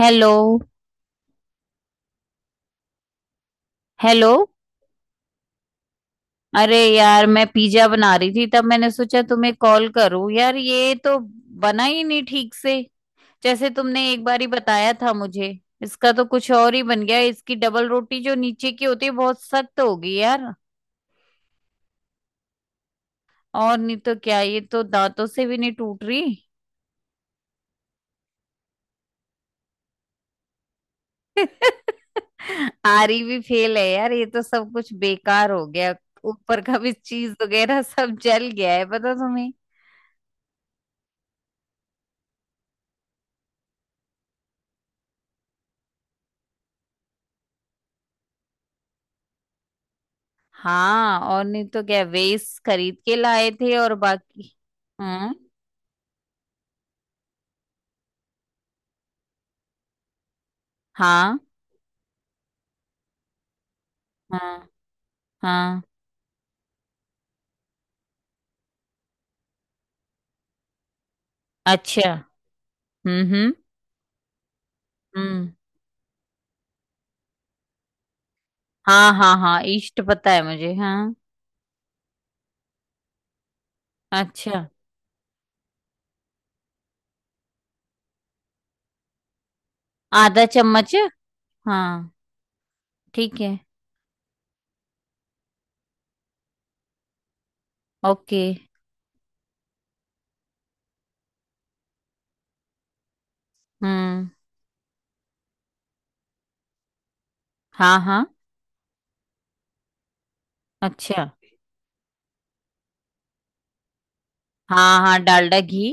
Hello. Hello. अरे यार, मैं पिज्जा बना रही थी तब मैंने सोचा तुम्हें कॉल करूं यार। ये तो बना ही नहीं ठीक से, जैसे तुमने एक बार ही बताया था मुझे। इसका तो कुछ और ही बन गया। इसकी डबल रोटी जो नीचे की होती है बहुत सख्त होगी यार। और नहीं तो क्या, ये तो दांतों से भी नहीं टूट रही। आरी भी फेल है यार, ये तो सब कुछ बेकार हो गया। ऊपर का भी चीज वगैरह सब जल गया है, पता तुम्हें। हाँ, और नहीं तो क्या, वेस्ट खरीद के लाए थे और बाकी। हम्म। हाँ हाँ हाँ। अच्छा। हम्म। हम्म। हाँ हाँ हाँ, ईस्ट पता है मुझे, हाँ। अच्छा। आधा चम्मच। हाँ। ठीक है। ओके। हम्म। हाँ हाँ। अच्छा। हाँ हाँ, डालडा घी।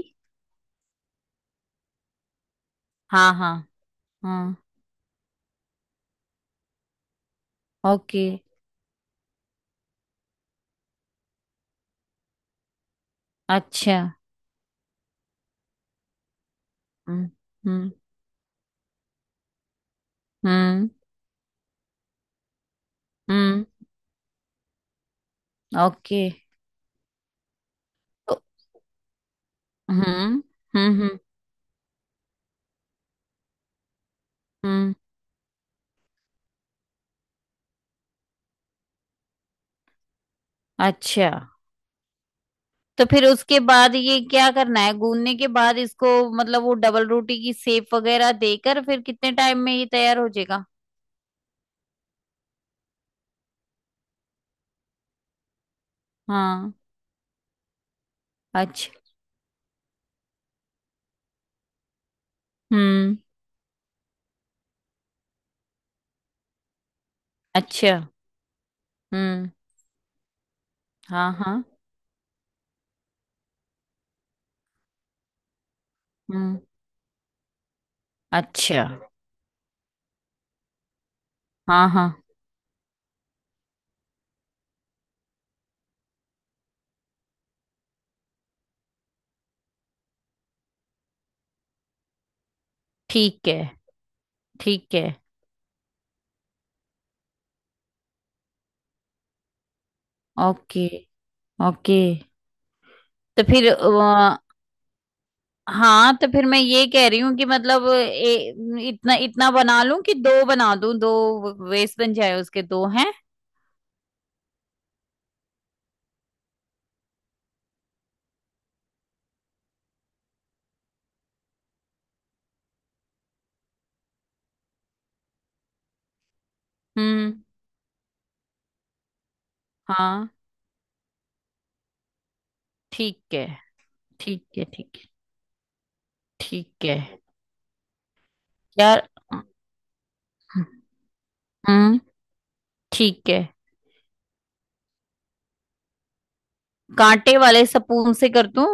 हाँ हाँ। हाँ। ओके। अच्छा। हम्म हम्म। हम्म हम्म। ओके। तो- हम्म। हम्म हम्म, अच्छा। तो फिर उसके बाद ये क्या करना है, गूंदने के बाद इसको? मतलब वो डबल रोटी की सेप वगैरह देकर फिर कितने टाइम में ये तैयार हो जाएगा? हाँ। अच्छा। हम्म। अच्छा। हम्म। हाँ। हाँ। हम्म। अच्छा। हाँ हाँ। ठीक है ठीक है। Okay okay. तो फिर हाँ, तो फिर मैं ये कह रही हूँ कि मतलब इतना इतना बना लूं कि दो बना दूं, दो वेस्ट बन जाए उसके दो हैं। हम्म। हाँ। ठीक है ठीक है। ठीक है ठीक है यार। हम्म। ठीक है। कांटे वाले सपून से कर दूं?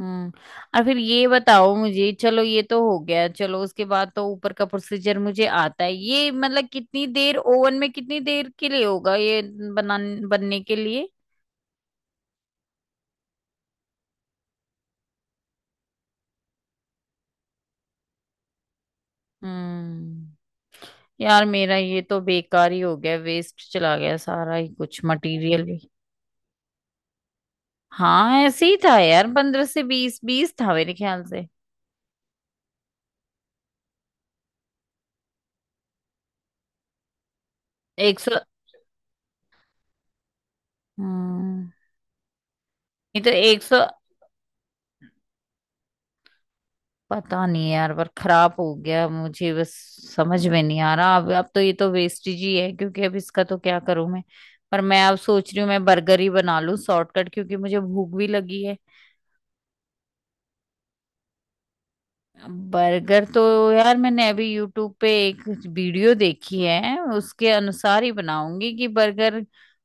हम्म। और फिर ये बताओ मुझे, चलो ये तो हो गया, चलो उसके बाद तो ऊपर का प्रोसीजर मुझे आता है, ये मतलब कितनी देर ओवन में, कितनी देर के लिए होगा ये बना, बनने के लिए? हम्म। यार मेरा ये तो बेकार ही हो गया, वेस्ट चला गया सारा ही कुछ, मटेरियल भी। हाँ ऐसे ही था यार, 15 से 20, बीस था मेरे ख्याल से। 100। हम्म, ये तो 100, पता नहीं यार, पर खराब हो गया मुझे बस। समझ में नहीं आ रहा अब तो ये तो वेस्टेज ही है, क्योंकि अब इसका तो क्या करूं मैं। पर मैं अब सोच रही हूँ मैं बर्गर ही बना लूं शॉर्टकट, क्योंकि मुझे भूख भी लगी है। बर्गर तो यार, मैंने अभी यूट्यूब पे एक वीडियो देखी है, उसके अनुसार ही बनाऊंगी कि बर्गर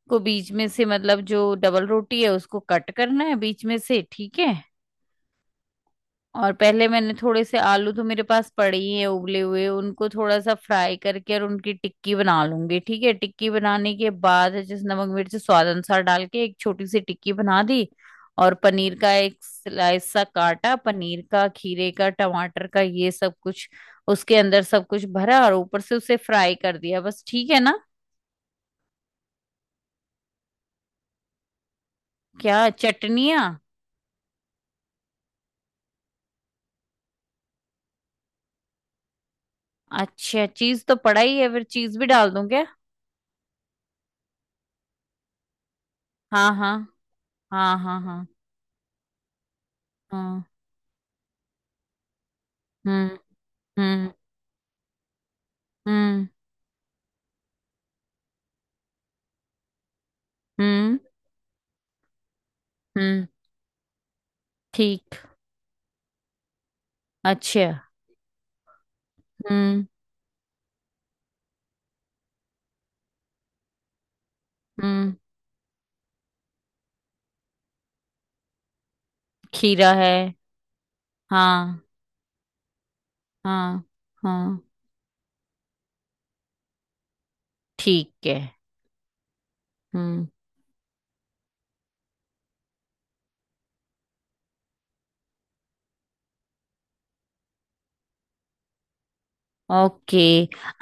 को बीच में से, मतलब जो डबल रोटी है उसको कट करना है बीच में से, ठीक है। और पहले मैंने थोड़े से आलू, तो मेरे पास पड़े ही हैं उबले हुए, उनको थोड़ा सा फ्राई करके और उनकी टिक्की बना लूंगी, ठीक है। टिक्की बनाने के बाद जिस नमक मिर्च स्वाद अनुसार डाल के एक छोटी सी टिक्की बना दी। और पनीर का एक स्लाइस सा काटा, पनीर का, खीरे का, टमाटर का, ये सब कुछ उसके अंदर सब कुछ भरा और ऊपर से उसे फ्राई कर दिया, बस। ठीक है ना? क्या चटनियाँ? अच्छा, चीज तो पड़ा ही है, फिर चीज भी डाल दूं क्या? हाँ हाँ। हाँ हाँ हाँ। हाँ। हम्म। हम्म। हम्म हम्म। हम्म। ठीक। अच्छा। हम्म हम्म। खीरा है। हाँ। हाँ हाँ। ठीक है। हम्म। ओके।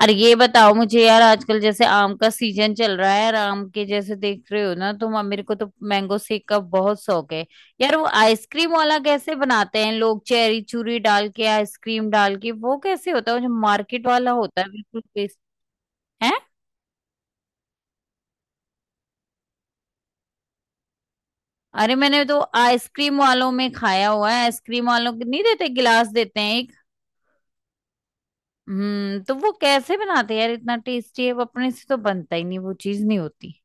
अरे ये बताओ मुझे यार, आजकल जैसे आम का सीजन चल रहा है और आम के जैसे देख रहे हो ना तुम, अब मेरे को तो मैंगो शेक का बहुत शौक है यार। वो आइसक्रीम वाला कैसे बनाते हैं लोग, चेरी चूरी डाल के आइसक्रीम डाल के, वो कैसे होता है वो जो मार्केट वाला होता है बिल्कुल टेस्ट? अरे मैंने तो आइसक्रीम वालों में खाया हुआ है, आइसक्रीम वालों के, नहीं देते गिलास, देते हैं एक। हम्म, तो वो कैसे बनाते हैं यार, इतना टेस्टी है वो, अपने से तो बनता ही नहीं, वो चीज नहीं होती।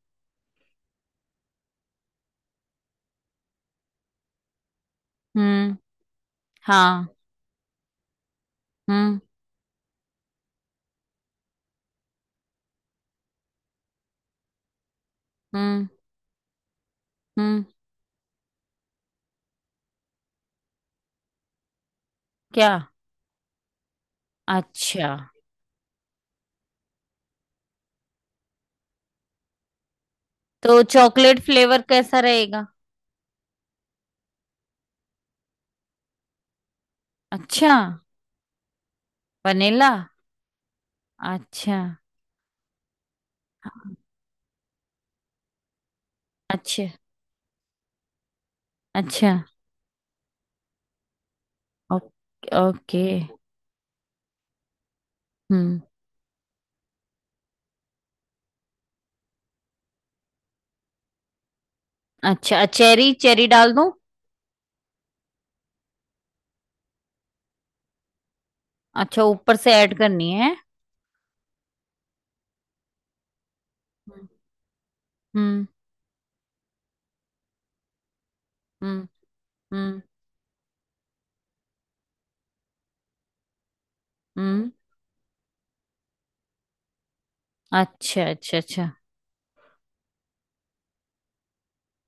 हम्म। हाँ। हम्म। हम्म। हम्म। क्या? अच्छा, तो चॉकलेट फ्लेवर कैसा रहेगा? अच्छा, वनीला। अच्छा। अच्छा। अच्छा। Okay okay. हम्म। अच्छा। चेरी चेरी डाल दूं? अच्छा, ऊपर से ऐड करनी है। हम्म। हम्म हम्म। हम्म हम्म। अच्छा अच्छा अच्छा।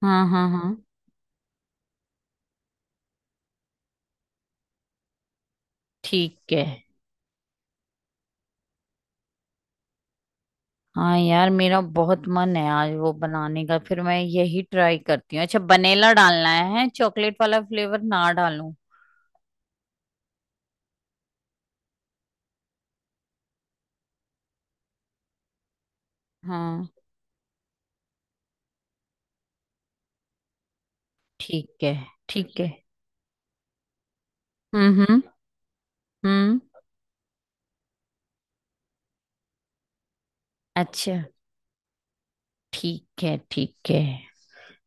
हाँ हाँ हाँ। ठीक है। हाँ यार, मेरा बहुत मन है आज वो बनाने का, फिर मैं यही ट्राई करती हूँ। अच्छा, वनीला डालना है, चॉकलेट वाला फ्लेवर ना डालूं? हाँ। ठीक है ठीक है। हम्म। हम्म। अच्छा। ठीक है ठीक है।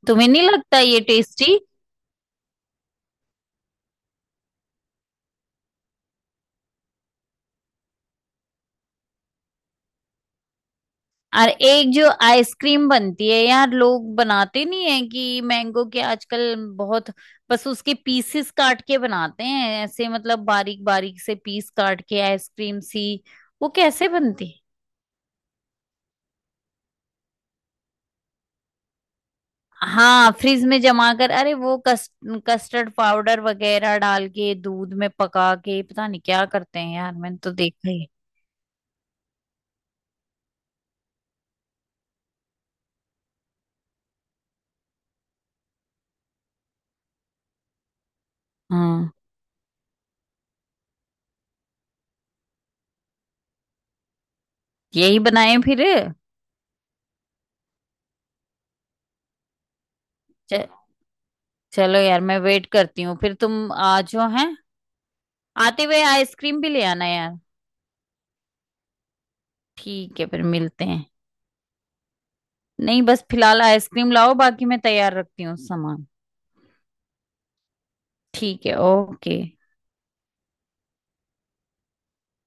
तुम्हें नहीं लगता ये टेस्टी? और एक जो आइसक्रीम बनती है यार, लोग बनाते नहीं है कि मैंगो के, आजकल बहुत। बस उसके पीसेस काट के बनाते हैं ऐसे, मतलब बारीक बारीक से पीस काट के आइसक्रीम सी। वो कैसे बनती है? हाँ, फ्रिज में जमा कर, अरे वो कस्टर्ड पाउडर वगैरह डाल के दूध में पका के, पता नहीं क्या करते हैं यार, मैंने तो देखा ही है। हाँ, यही बनाए फिर। च, चलो यार, मैं वेट करती हूँ, फिर तुम आ जाओ, हैं। आते हुए आइसक्रीम भी ले आना यार। ठीक है, फिर मिलते हैं। नहीं, बस फिलहाल आइसक्रीम लाओ, बाकी मैं तैयार रखती हूँ सामान। ठीक है। ओके।